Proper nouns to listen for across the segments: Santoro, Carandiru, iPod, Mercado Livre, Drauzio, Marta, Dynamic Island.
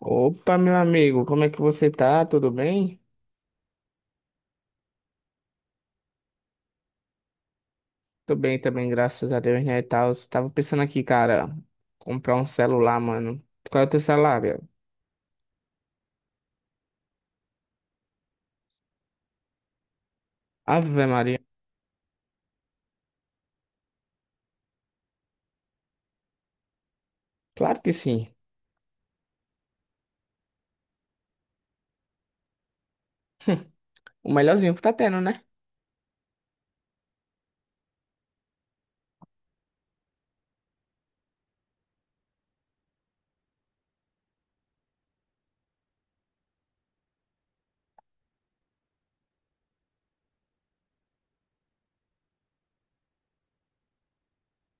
Opa, meu amigo, como é que você tá? Tudo bem? Tô bem também, graças a Deus, né, e tal. Tava pensando aqui, cara, comprar um celular, mano. Qual é o teu salário? Ave Maria. Claro que sim. O melhorzinho que tá tendo, né?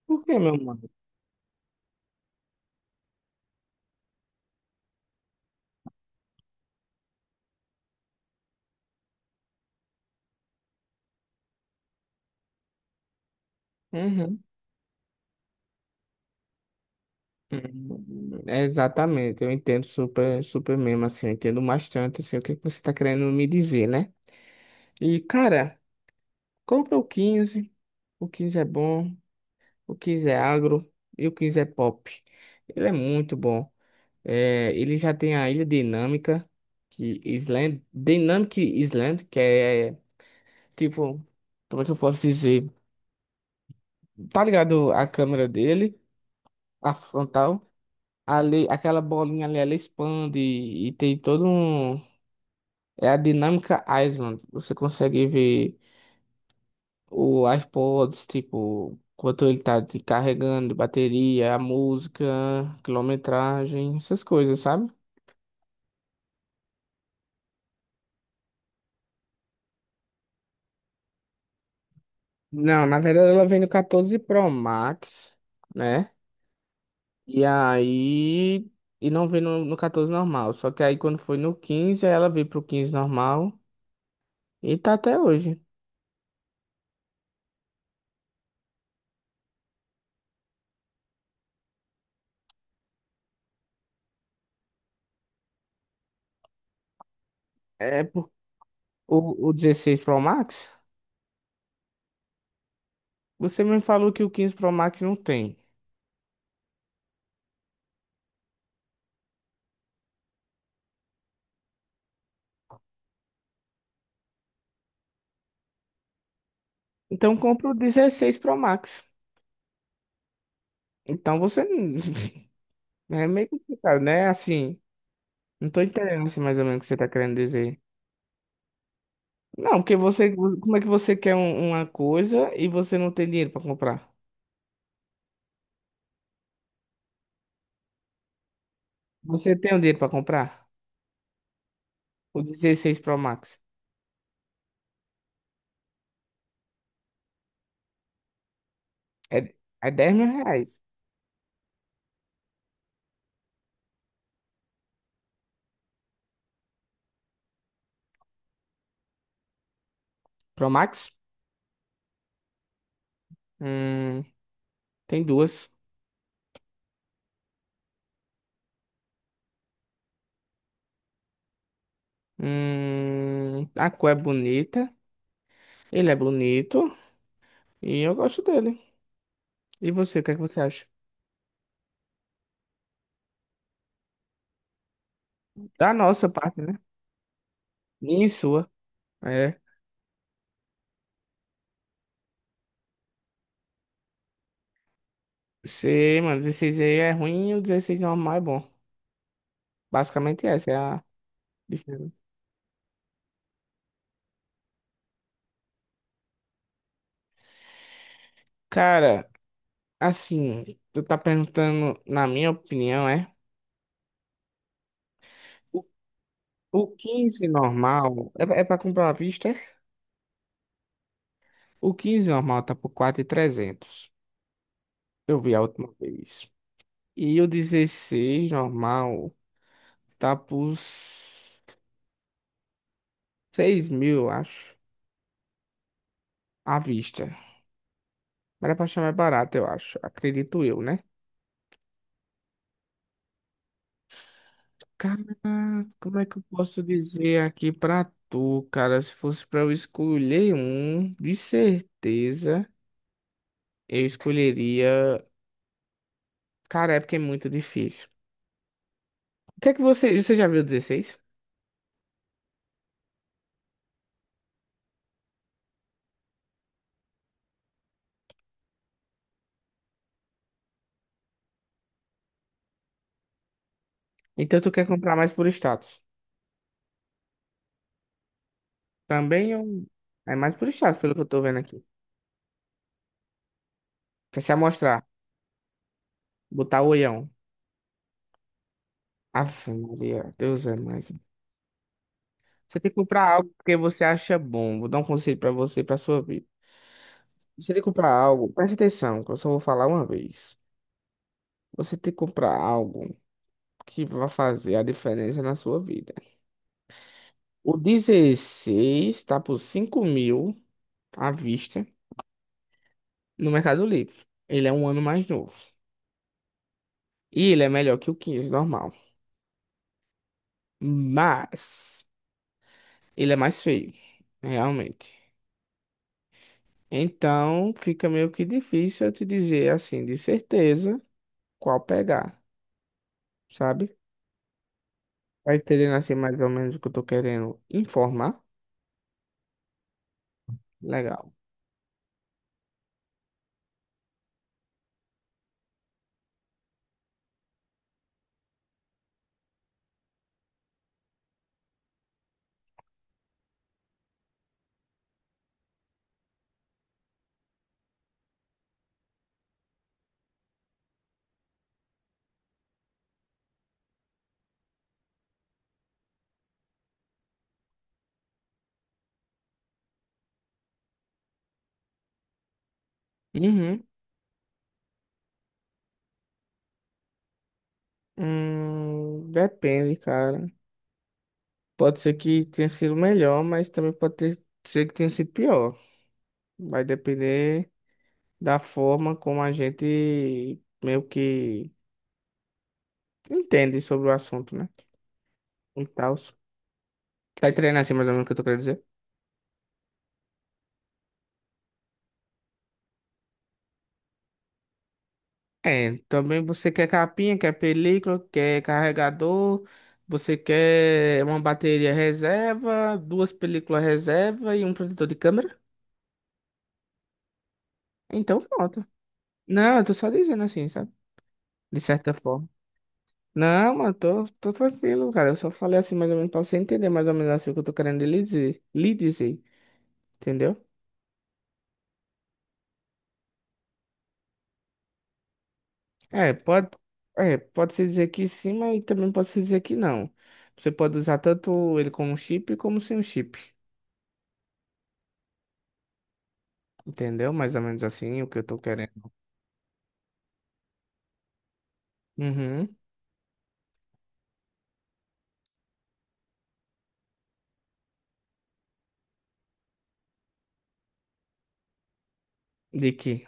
Por quê, meu mano? Uhum. Uhum. É, exatamente, eu entendo super, super mesmo, assim, eu entendo bastante, assim, o que é que você tá querendo me dizer, né? E, cara, compra o 15, o 15 é bom, o 15 é agro e o 15 é pop. Ele é muito bom. É, ele já tem a Ilha Dinâmica, que Island, Dynamic Island, que é tipo, como é que eu posso dizer? Tá ligado a câmera dele, a frontal, ali, aquela bolinha ali, ela expande e tem todo um. É a Dinâmica Island. Você consegue ver o iPods, tipo, quanto ele tá te carregando, bateria, a música, quilometragem, essas coisas, sabe? Não, na verdade ela vem no 14 Pro Max, né? E aí. E não veio no 14 normal. Só que aí quando foi no 15, ela veio pro 15 normal. E tá até hoje. É por, o 16 Pro Max? Você me falou que o 15 Pro Max não tem. Então compra o 16 Pro Max. Então você. É meio complicado, né? Assim. Não tô entendendo assim, mais ou menos o que você tá querendo dizer. Não, porque você. Como é que você quer uma coisa e você não tem dinheiro pra comprar? Você tem o dinheiro pra comprar? O 16 Pro Max. É, é 10 mil reais. Pro Max? Hum, tem duas. A cor é bonita. Ele é bonito. E eu gosto dele. E você, o que é que você acha? Da nossa parte, né? Minha e sua. É. Você, mano, 16 aí é ruim e o 16 normal é bom. Basicamente essa é a diferença. Cara, assim, tu tá perguntando, na minha opinião, é. O o 15 normal é pra comprar à vista? É? O 15 normal tá por 4.300. Eu vi a última vez. E o 16 normal tá por 6.000, eu acho. À vista. Mas é pra achar mais barato, eu acho. Acredito eu, né? Cara, como é que eu posso dizer aqui pra tu, cara? Se fosse pra eu escolher um, de certeza eu escolheria. Cara, é porque é muito difícil. O que é que você. Você já viu o 16? Então tu quer comprar mais por status? Também eu... é mais por status, pelo que eu tô vendo aqui. Quer se amostrar? Botar o olhão. Aff, Maria, Deus é mais. Você tem que comprar algo porque você acha bom. Vou dar um conselho pra você e pra sua vida. Você tem que comprar algo, preste atenção, que eu só vou falar uma vez. Você tem que comprar algo que vai fazer a diferença na sua vida. O 16 tá por 5.000 à vista no Mercado Livre. Ele é um ano mais novo. E ele é melhor que o 15 normal. Mas ele é mais feio, realmente. Então, fica meio que difícil eu te dizer assim, de certeza, qual pegar, sabe? Vai entendendo assim mais ou menos o que eu tô querendo informar? Legal. Uhum. Depende, cara. Pode ser que tenha sido melhor, mas também pode ser que tenha sido pior. Vai depender da forma como a gente meio que entende sobre o assunto, né? E tal. Tá entendendo assim mais ou menos o que eu tô querendo dizer? É, também você quer capinha, quer película, quer carregador, você quer uma bateria reserva, duas películas reserva e um protetor de câmera? Então pronto. Não, eu tô só dizendo assim, sabe? De certa forma. Não, mano, tô tranquilo, cara. Eu só falei assim mais ou menos pra você entender mais ou menos assim o que eu tô querendo lhe dizer, entendeu? É, pode, é, pode se dizer que sim, mas também pode se dizer que não. Você pode usar tanto ele como um chip como sem o chip. Entendeu? Mais ou menos assim o que eu tô querendo. Uhum. De que?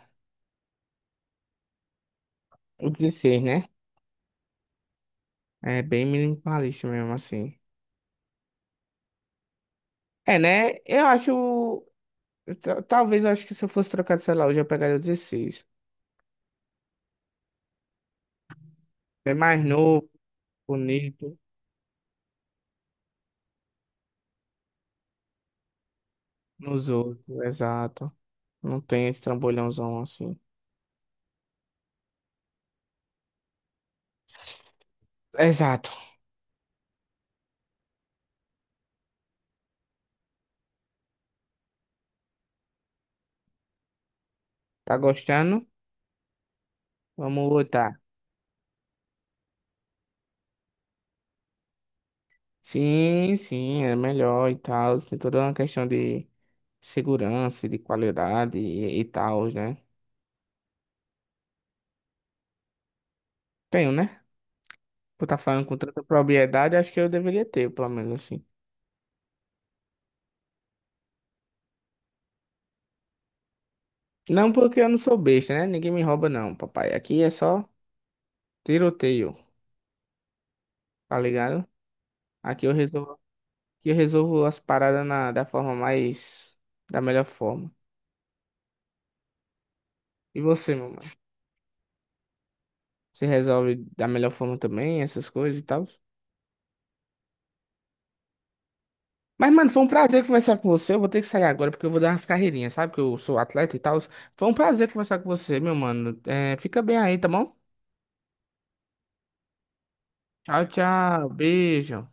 O dezesseis, né? É bem minimalista mesmo assim. É, né? Eu acho. Talvez eu acho que se eu fosse trocar de celular hoje eu pegaria o 16. É mais novo, bonito, nos outros, exato. Não tem esse trambolhãozão assim. Exato. Tá gostando? Vamos botar. Sim, sim, é melhor e tal. Tem toda uma questão de segurança, de qualidade e tal, né? Tenho, né? Por estar falando com tanta propriedade, acho que eu deveria ter, pelo menos assim. Não porque eu não sou besta, né? Ninguém me rouba, não, papai. Aqui é só tiroteio, tá ligado? Aqui eu resolvo, aqui eu resolvo as paradas na, da forma mais, da melhor forma. E você, meu mano? Você resolve da melhor forma também, essas coisas e tal? Mas, mano, foi um prazer conversar com você. Eu vou ter que sair agora porque eu vou dar umas carreirinhas, sabe? Que eu sou atleta e tal. Foi um prazer conversar com você, meu mano. É, fica bem aí, tá bom? Tchau, tchau. Beijo.